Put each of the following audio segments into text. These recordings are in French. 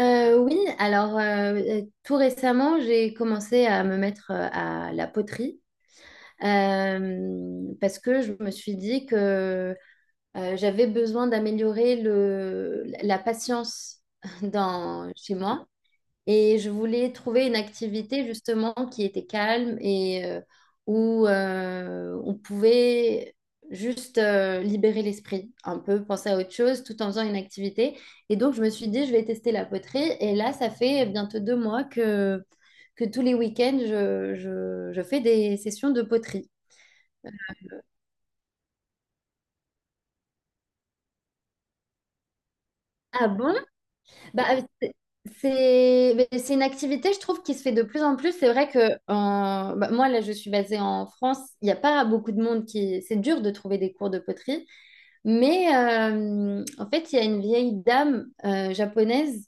Oui, alors tout récemment, j'ai commencé à me mettre à la poterie parce que je me suis dit que j'avais besoin d'améliorer la patience chez moi. Et je voulais trouver une activité justement qui était calme et où on pouvait juste libérer l'esprit, un peu penser à autre chose tout en faisant une activité. Et donc je me suis dit, je vais tester la poterie. Et là, ça fait bientôt 2 mois que tous les week-ends, je fais des sessions de poterie. Ah bon? Bah, mais c'est une activité, je trouve, qui se fait de plus en plus. C'est vrai que bah, moi, là, je suis basée en France. Il n'y a pas beaucoup de monde qui... C'est dur de trouver des cours de poterie. Mais en fait, il y a une vieille dame japonaise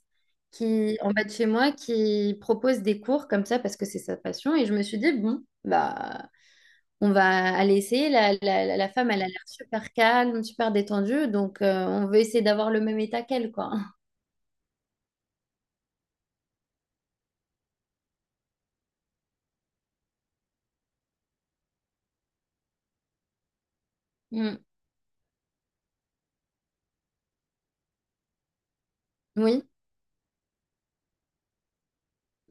qui, en bas de chez moi qui propose des cours comme ça parce que c'est sa passion. Et je me suis dit, bon, bah, on va aller essayer. La femme, elle a l'air super calme, super détendue. Donc, on veut essayer d'avoir le même état qu'elle, quoi. Mm. Oui.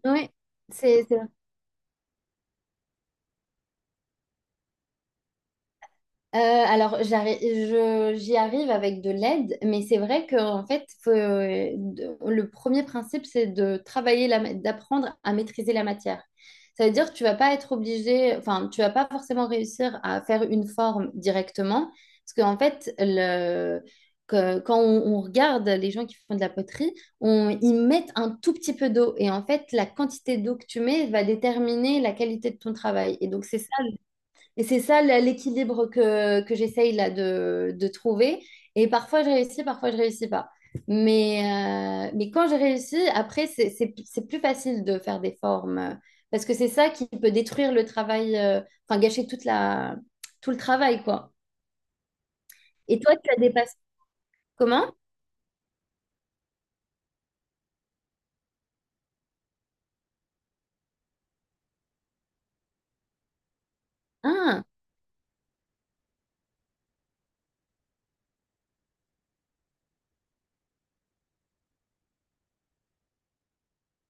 Oui, c'est vrai. Euh, alors, j'y arrive avec de l'aide, mais c'est vrai que en fait, faut, le premier principe, c'est de travailler, d'apprendre à maîtriser la matière. Ça veut dire que tu vas pas être obligé, enfin, tu vas pas forcément réussir à faire une forme directement, parce qu'en fait, quand on regarde les gens qui font de la poterie, ils mettent un tout petit peu d'eau, et en fait, la quantité d'eau que tu mets va déterminer la qualité de ton travail. Et donc, c'est ça. Et c'est ça l'équilibre que j'essaye là de trouver. Et parfois je réussis pas. Mais quand j'ai réussi, après, c'est plus facile de faire des formes. Parce que c'est ça qui peut détruire le travail, enfin gâcher tout le travail, quoi. Et toi, tu as des passions. Comment? Ah,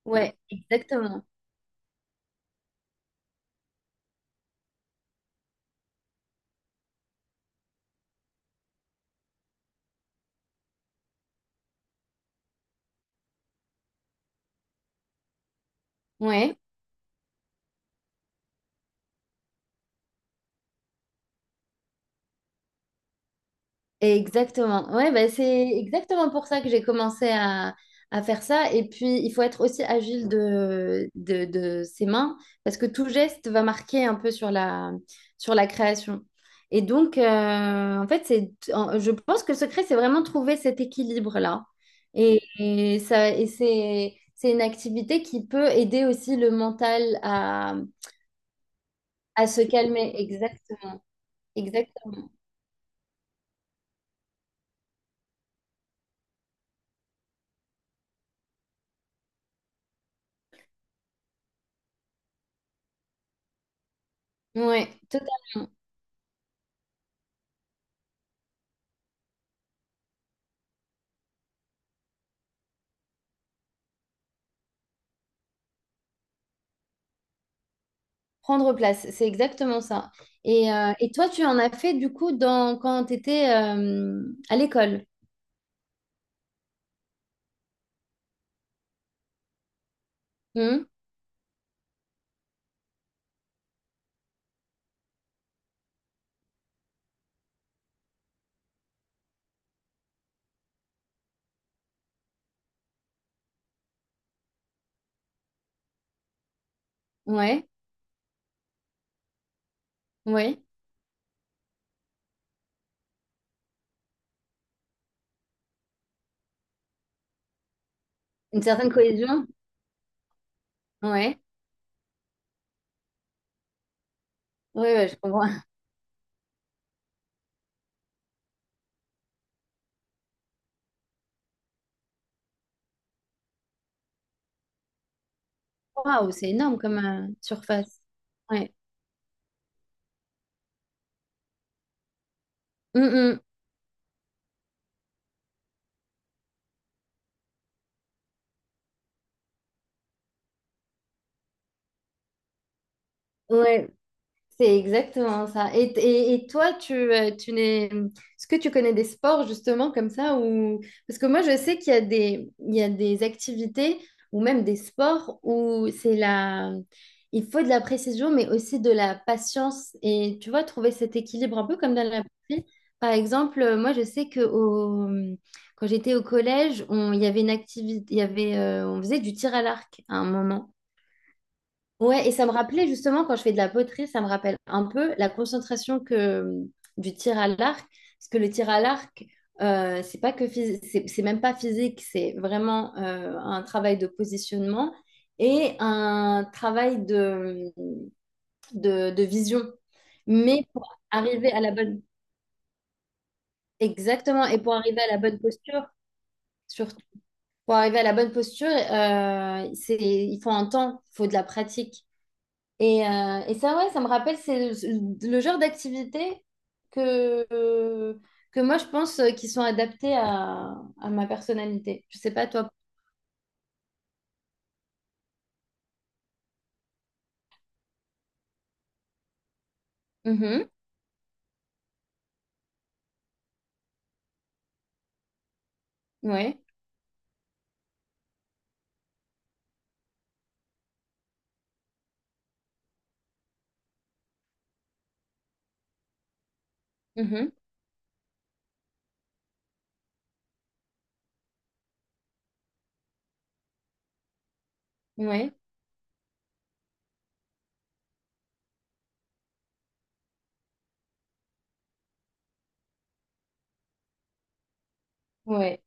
ouais, exactement. Ouais. Exactement. Ouais, bah, c'est exactement pour ça que j'ai commencé à faire ça. Et puis, il faut être aussi agile de ses mains parce que tout geste va marquer un peu sur la création. Et donc, en fait, je pense que le secret, c'est vraiment trouver cet équilibre-là. Et ça, et c'est une activité qui peut aider aussi le mental à se calmer. Exactement. Exactement. Ouais, totalement. Prendre place, c'est exactement ça. Et toi, tu en as fait du coup quand tu étais à l'école. Hum, Ouais, ouais. Une certaine cohésion. Ouais, ouais, ouais, je comprends. Waouh, c'est énorme comme surface. Ouais. Hum, hum. Ouais. C'est exactement ça. Et toi, tu n'es... Est-ce que tu connais des sports justement comme ça ou... Parce que moi, je sais qu'il y a des activités ou même des sports où c'est la... Il faut de la précision, mais aussi de la patience. Et tu vois, trouver cet équilibre un peu comme dans la batterie. Par exemple, moi, je sais que au... quand j'étais au collège, il y avait une activité, on faisait du tir à l'arc à un moment. Ouais, et ça me rappelait justement, quand je fais de la poterie, ça me rappelle un peu la concentration du tir à l'arc. Parce que le tir à l'arc, c'est même pas physique, c'est vraiment un travail de positionnement et un travail de vision. Mais pour arriver à la bonne, exactement, et pour arriver à la bonne posture, surtout, pour arriver à la bonne posture, c'est, il faut un temps, il faut de la pratique. Et ça, ouais, ça me rappelle, c'est le genre d'activité que, euh, que moi, je pense qui sont adaptées à ma personnalité. Je sais pas, toi. Mhm, ouais, mhm, ouais, ouais,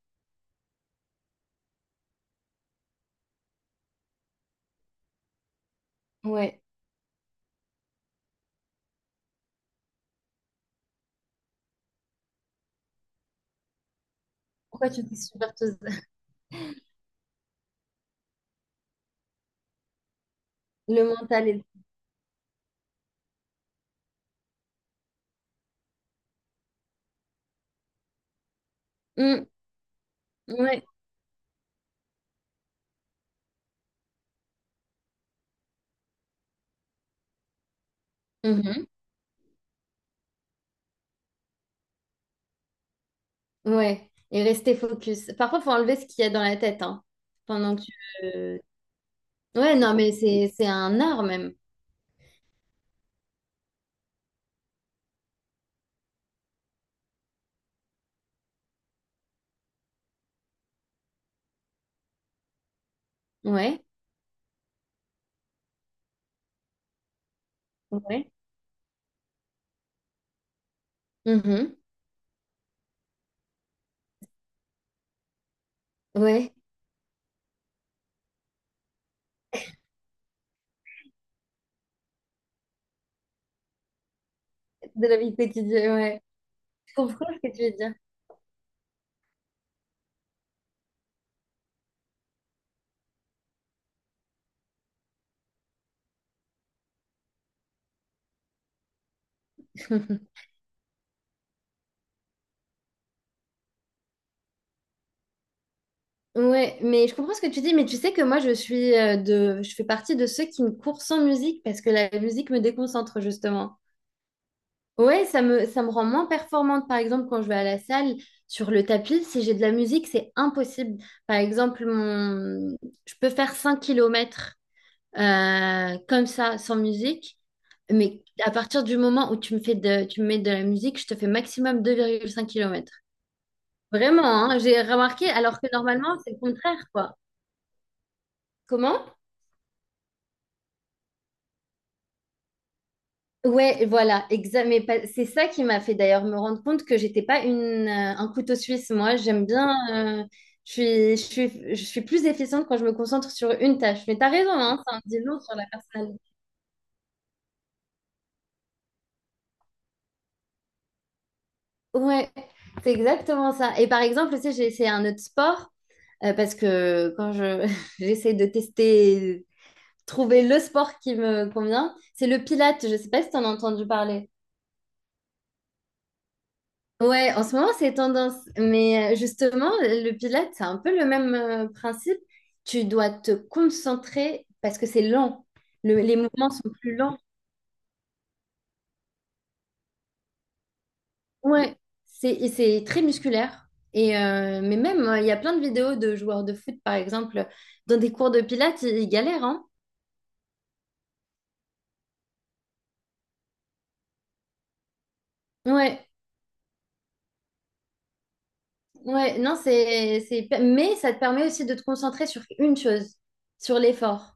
ouais. Pourquoi tu dis superpose Le mental est... Mm, ouais, mhm, ouais. Et rester focus. Parfois, faut enlever ce qu'il y a dans la tête, hein, pendant que tu... euh, Ouais, non, mais c'est un art même. Ouais, ouais, mhm, ouais. De la vie quotidienne. Je comprends ce que tu veux dire. Ouais, mais je comprends ce que tu dis, mais tu sais que moi je fais partie de ceux qui me courent sans musique parce que la musique me déconcentre justement. Ouais, ça me rend moins performante par exemple quand je vais à la salle sur le tapis, si j'ai de la musique, c'est impossible. Par exemple, mon je peux faire 5 km comme ça sans musique, mais à partir du moment où tu me mets de la musique, je te fais maximum 2,5 km. Vraiment, hein, j'ai remarqué, alors que normalement, c'est le contraire, quoi. Comment? Ouais, voilà, exact. C'est ça qui m'a fait d'ailleurs me rendre compte que j'étais pas un couteau suisse. Moi, j'aime bien. Je suis plus efficiente quand je me concentre sur une tâche. Mais t'as raison, hein, ça en dit long sur la personne. Ouais, c'est exactement ça. Et par exemple, tu sais, j'ai essayé un autre sport parce que quand je j'essaie de tester, trouver le sport qui me convient, c'est le pilate. Je sais pas si t'en as entendu parler. Ouais, en ce moment, c'est tendance. Mais justement, le pilates, c'est un peu le même principe. Tu dois te concentrer parce que c'est lent. Les mouvements sont plus lents. Ouais, c'est très musculaire. Mais même, il y a plein de vidéos de joueurs de foot, par exemple, dans des cours de pilates, ils galèrent, hein. Ouais, ouais, non, mais ça te permet aussi de te concentrer sur une chose, sur l'effort.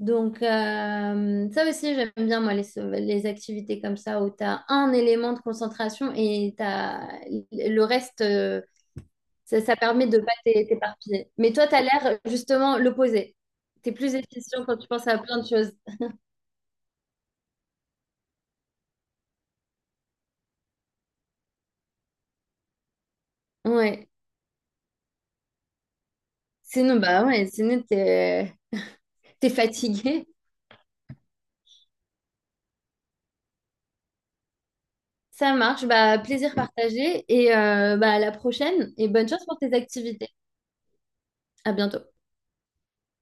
Donc, ça aussi, j'aime bien, moi, les activités comme ça, où tu as un élément de concentration et t'as, le reste, ça permet de pas t'éparpiller. Mais toi, tu as l'air justement l'opposé. Tu es plus efficient quand tu penses à plein de choses. Ouais. Sinon, bah ouais, sinon, tu t'es fatigué. Ça marche. Bah, plaisir partagé et bah, à la prochaine et bonne chance pour tes activités. À bientôt.